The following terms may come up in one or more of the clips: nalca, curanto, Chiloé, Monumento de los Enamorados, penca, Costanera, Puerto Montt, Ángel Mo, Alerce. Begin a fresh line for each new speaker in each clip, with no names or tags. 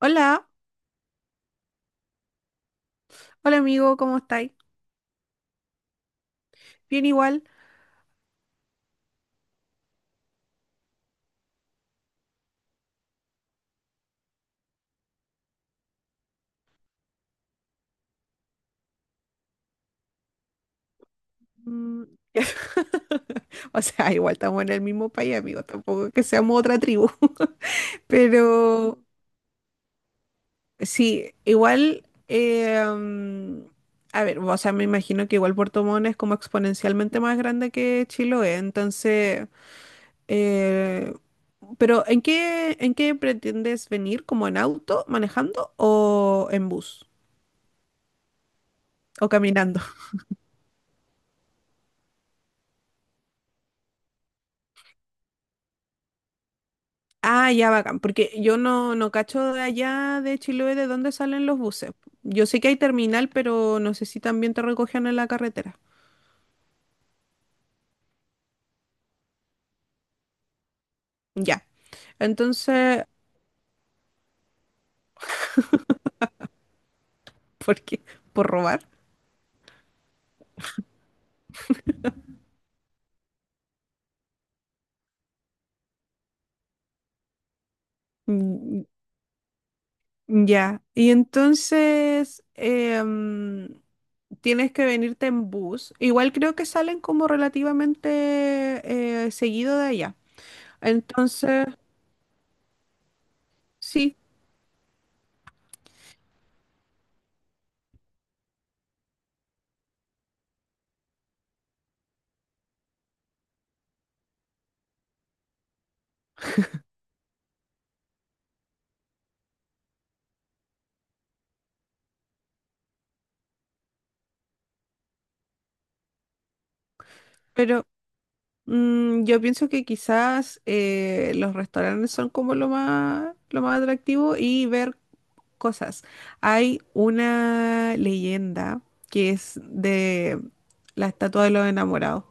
Hola, hola amigo, ¿cómo estáis? Bien igual. Mm. O sea, igual estamos en el mismo país, amigo, tampoco es que seamos otra tribu. Pero sí, igual, a ver, o sea, me imagino que igual Puerto Montt es como exponencialmente más grande que Chiloé, entonces, eh, pero ¿en qué pretendes venir? ¿Como en auto, manejando o en bus o caminando? Ah, ya bacán, porque yo no cacho de allá de Chiloé de dónde salen los buses. Yo sé que hay terminal, pero no sé si también te recogen en la carretera. Ya. Entonces, ¿por qué? ¿Por robar? Mm. Ya. Y entonces tienes que venirte en bus. Igual creo que salen como relativamente seguido de allá. Entonces, sí, pero yo pienso que quizás los restaurantes son como lo más atractivo y ver cosas. Hay una leyenda que es de la estatua de los enamorados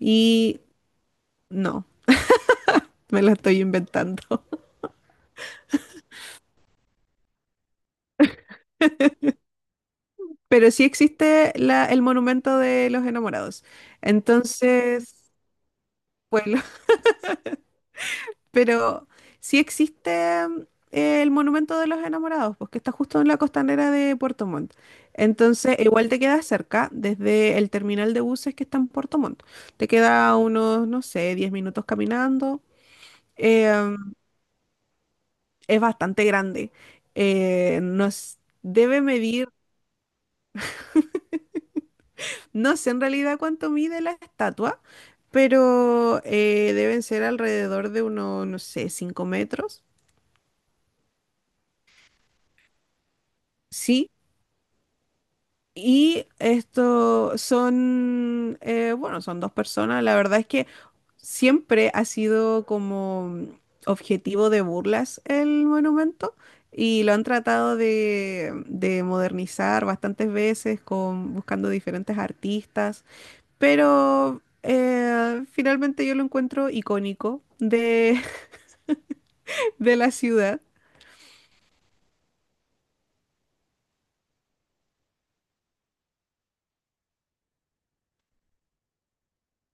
y no, me la estoy inventando. Pero sí existe el monumento de los enamorados. Entonces, pues Pero sí existe el Monumento de los Enamorados, pues que está justo en la costanera de Puerto Montt. Entonces, igual te queda cerca desde el terminal de buses que está en Puerto Montt. Te queda unos, no sé, 10 minutos caminando. Eh, es bastante grande. Nos debe medir, no sé en realidad cuánto mide la estatua, pero deben ser alrededor de unos, no sé, 5 metros. Sí. Y esto son, bueno, son dos personas. La verdad es que siempre ha sido como objetivo de burlas el monumento y lo han tratado de, modernizar bastantes veces con, buscando diferentes artistas. Pero finalmente yo lo encuentro icónico de, de la ciudad.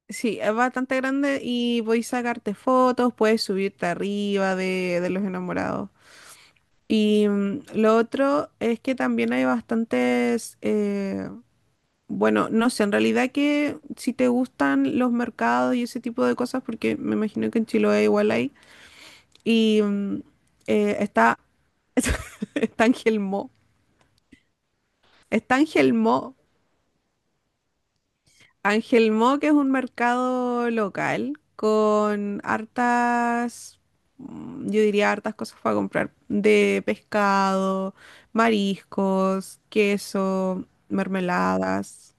Sí, es bastante grande y podéis sacarte fotos, puedes subirte arriba de, los enamorados. Y lo otro es que también hay bastantes, bueno, no sé, en realidad que si te gustan los mercados y ese tipo de cosas, porque me imagino que en Chiloé igual hay, y está, está Ángel Mo, está Ángel Mo, Ángel Mo que es un mercado local con hartas, yo diría hartas cosas para comprar, de pescado, mariscos, queso, mermeladas.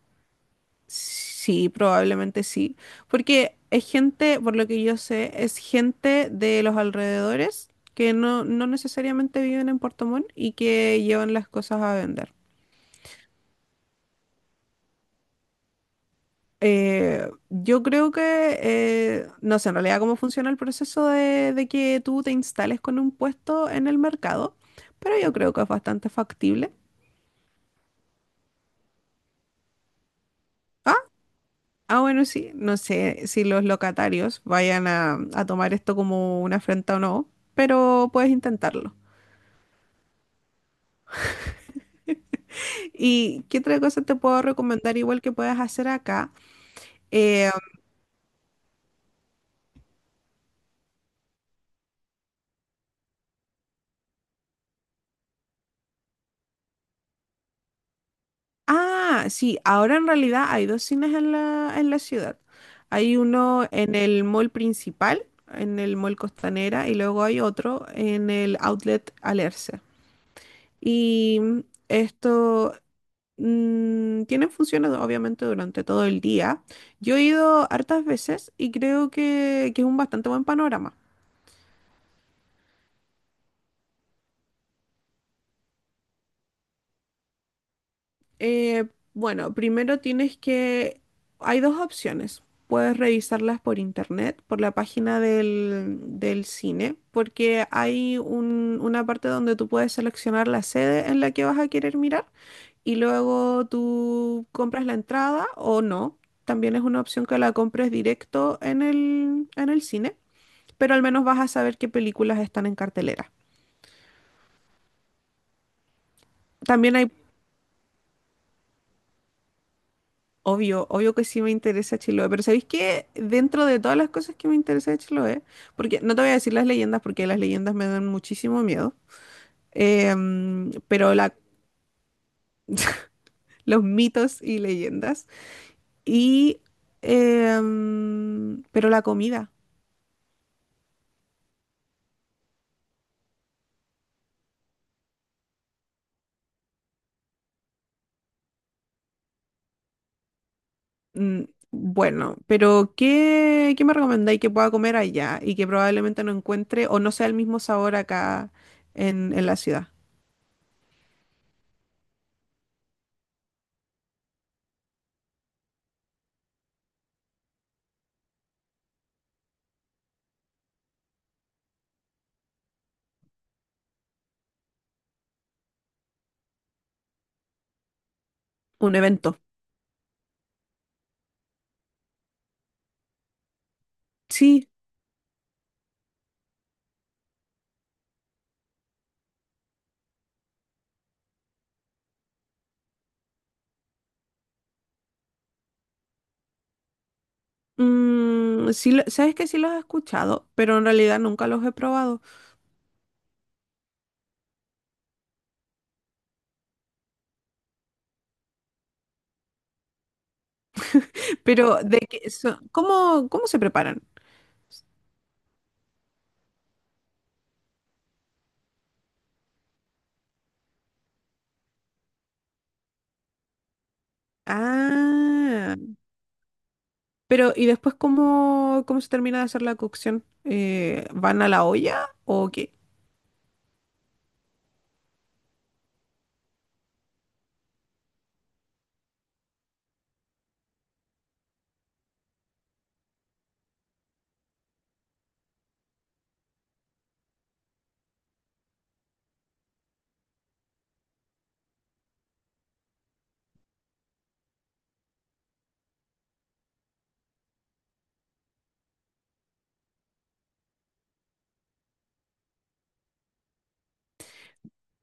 Sí, probablemente sí. Porque es gente, por lo que yo sé, es gente de los alrededores que no necesariamente viven en Puerto Montt y que llevan las cosas a vender. Yo creo que, no sé en realidad cómo funciona el proceso de, que tú te instales con un puesto en el mercado, pero yo creo que es bastante factible. Ah, bueno, sí, no sé si los locatarios vayan a tomar esto como una afrenta o no, pero puedes intentarlo. ¿Y qué otra cosa te puedo recomendar igual que puedes hacer acá? Eh, ah, sí, ahora en realidad hay dos cines en la, ciudad. Hay uno en el mall principal, en el mall Costanera, y luego hay otro en el outlet Alerce. Y esto tiene funciones obviamente durante todo el día. Yo he ido hartas veces y creo que, es un bastante buen panorama. Eh, bueno, primero tienes que... Hay dos opciones. Puedes revisarlas por internet, por la página del, cine, porque hay una parte donde tú puedes seleccionar la sede en la que vas a querer mirar y luego tú compras la entrada o no. También es una opción que la compres directo en el, cine, pero al menos vas a saber qué películas están en cartelera. También hay. Obvio, obvio que sí me interesa Chiloé, pero ¿sabéis qué? Dentro de todas las cosas que me interesa de Chiloé, porque no te voy a decir las leyendas porque las leyendas me dan muchísimo miedo, pero la, los mitos y leyendas, y, pero la comida. mm, Bueno, pero ¿qué me recomendáis que pueda comer allá y que probablemente no encuentre o no sea el mismo sabor acá en, la ciudad? Un evento. Sí. Mm, sí, sabes que sí los he escuchado, pero en realidad nunca los he probado. Pero de qué son, ¿cómo se preparan? Ah, pero ¿y después cómo se termina de hacer la cocción? ¿Van a la olla o qué?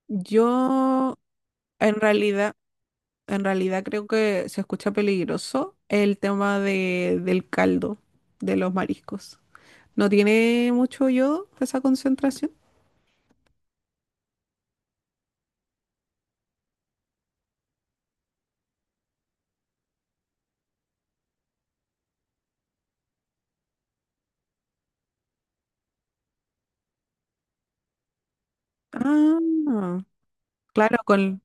Yo en realidad, en realidad creo que se escucha peligroso el tema del caldo de los mariscos. ¿No tiene mucho yodo esa concentración? Ah, claro,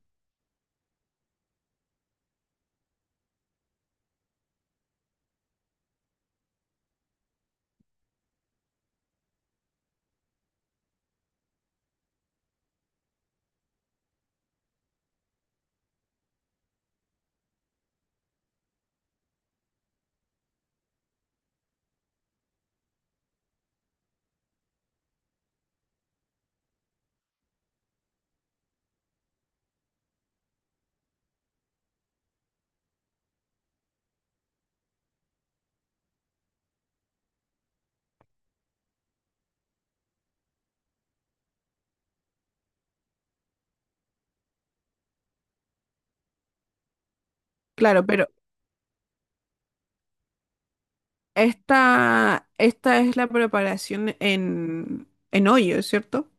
claro, pero esta es la preparación en, olla, ¿cierto?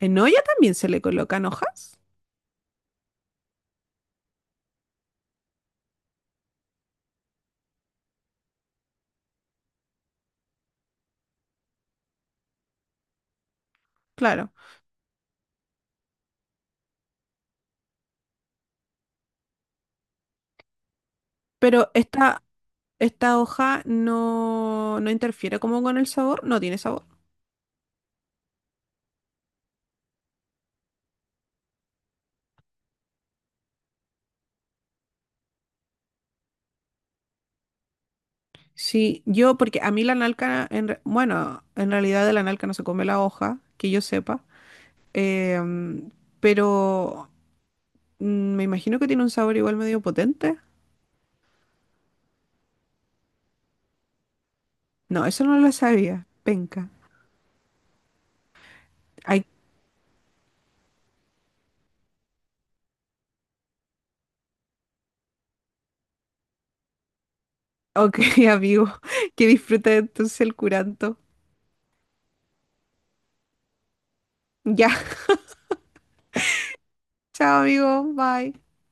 En olla también se le colocan hojas, claro. Pero esta hoja no interfiere como con el sabor, no tiene sabor. Sí, porque a mí la nalca, bueno, en realidad de la nalca no se come la hoja, que yo sepa. em, pero me imagino que tiene un sabor igual medio potente. No, eso no lo sabía. Penca. Ok, amigo, que disfrutes entonces el curanto. Ya, chao, amigo, bye.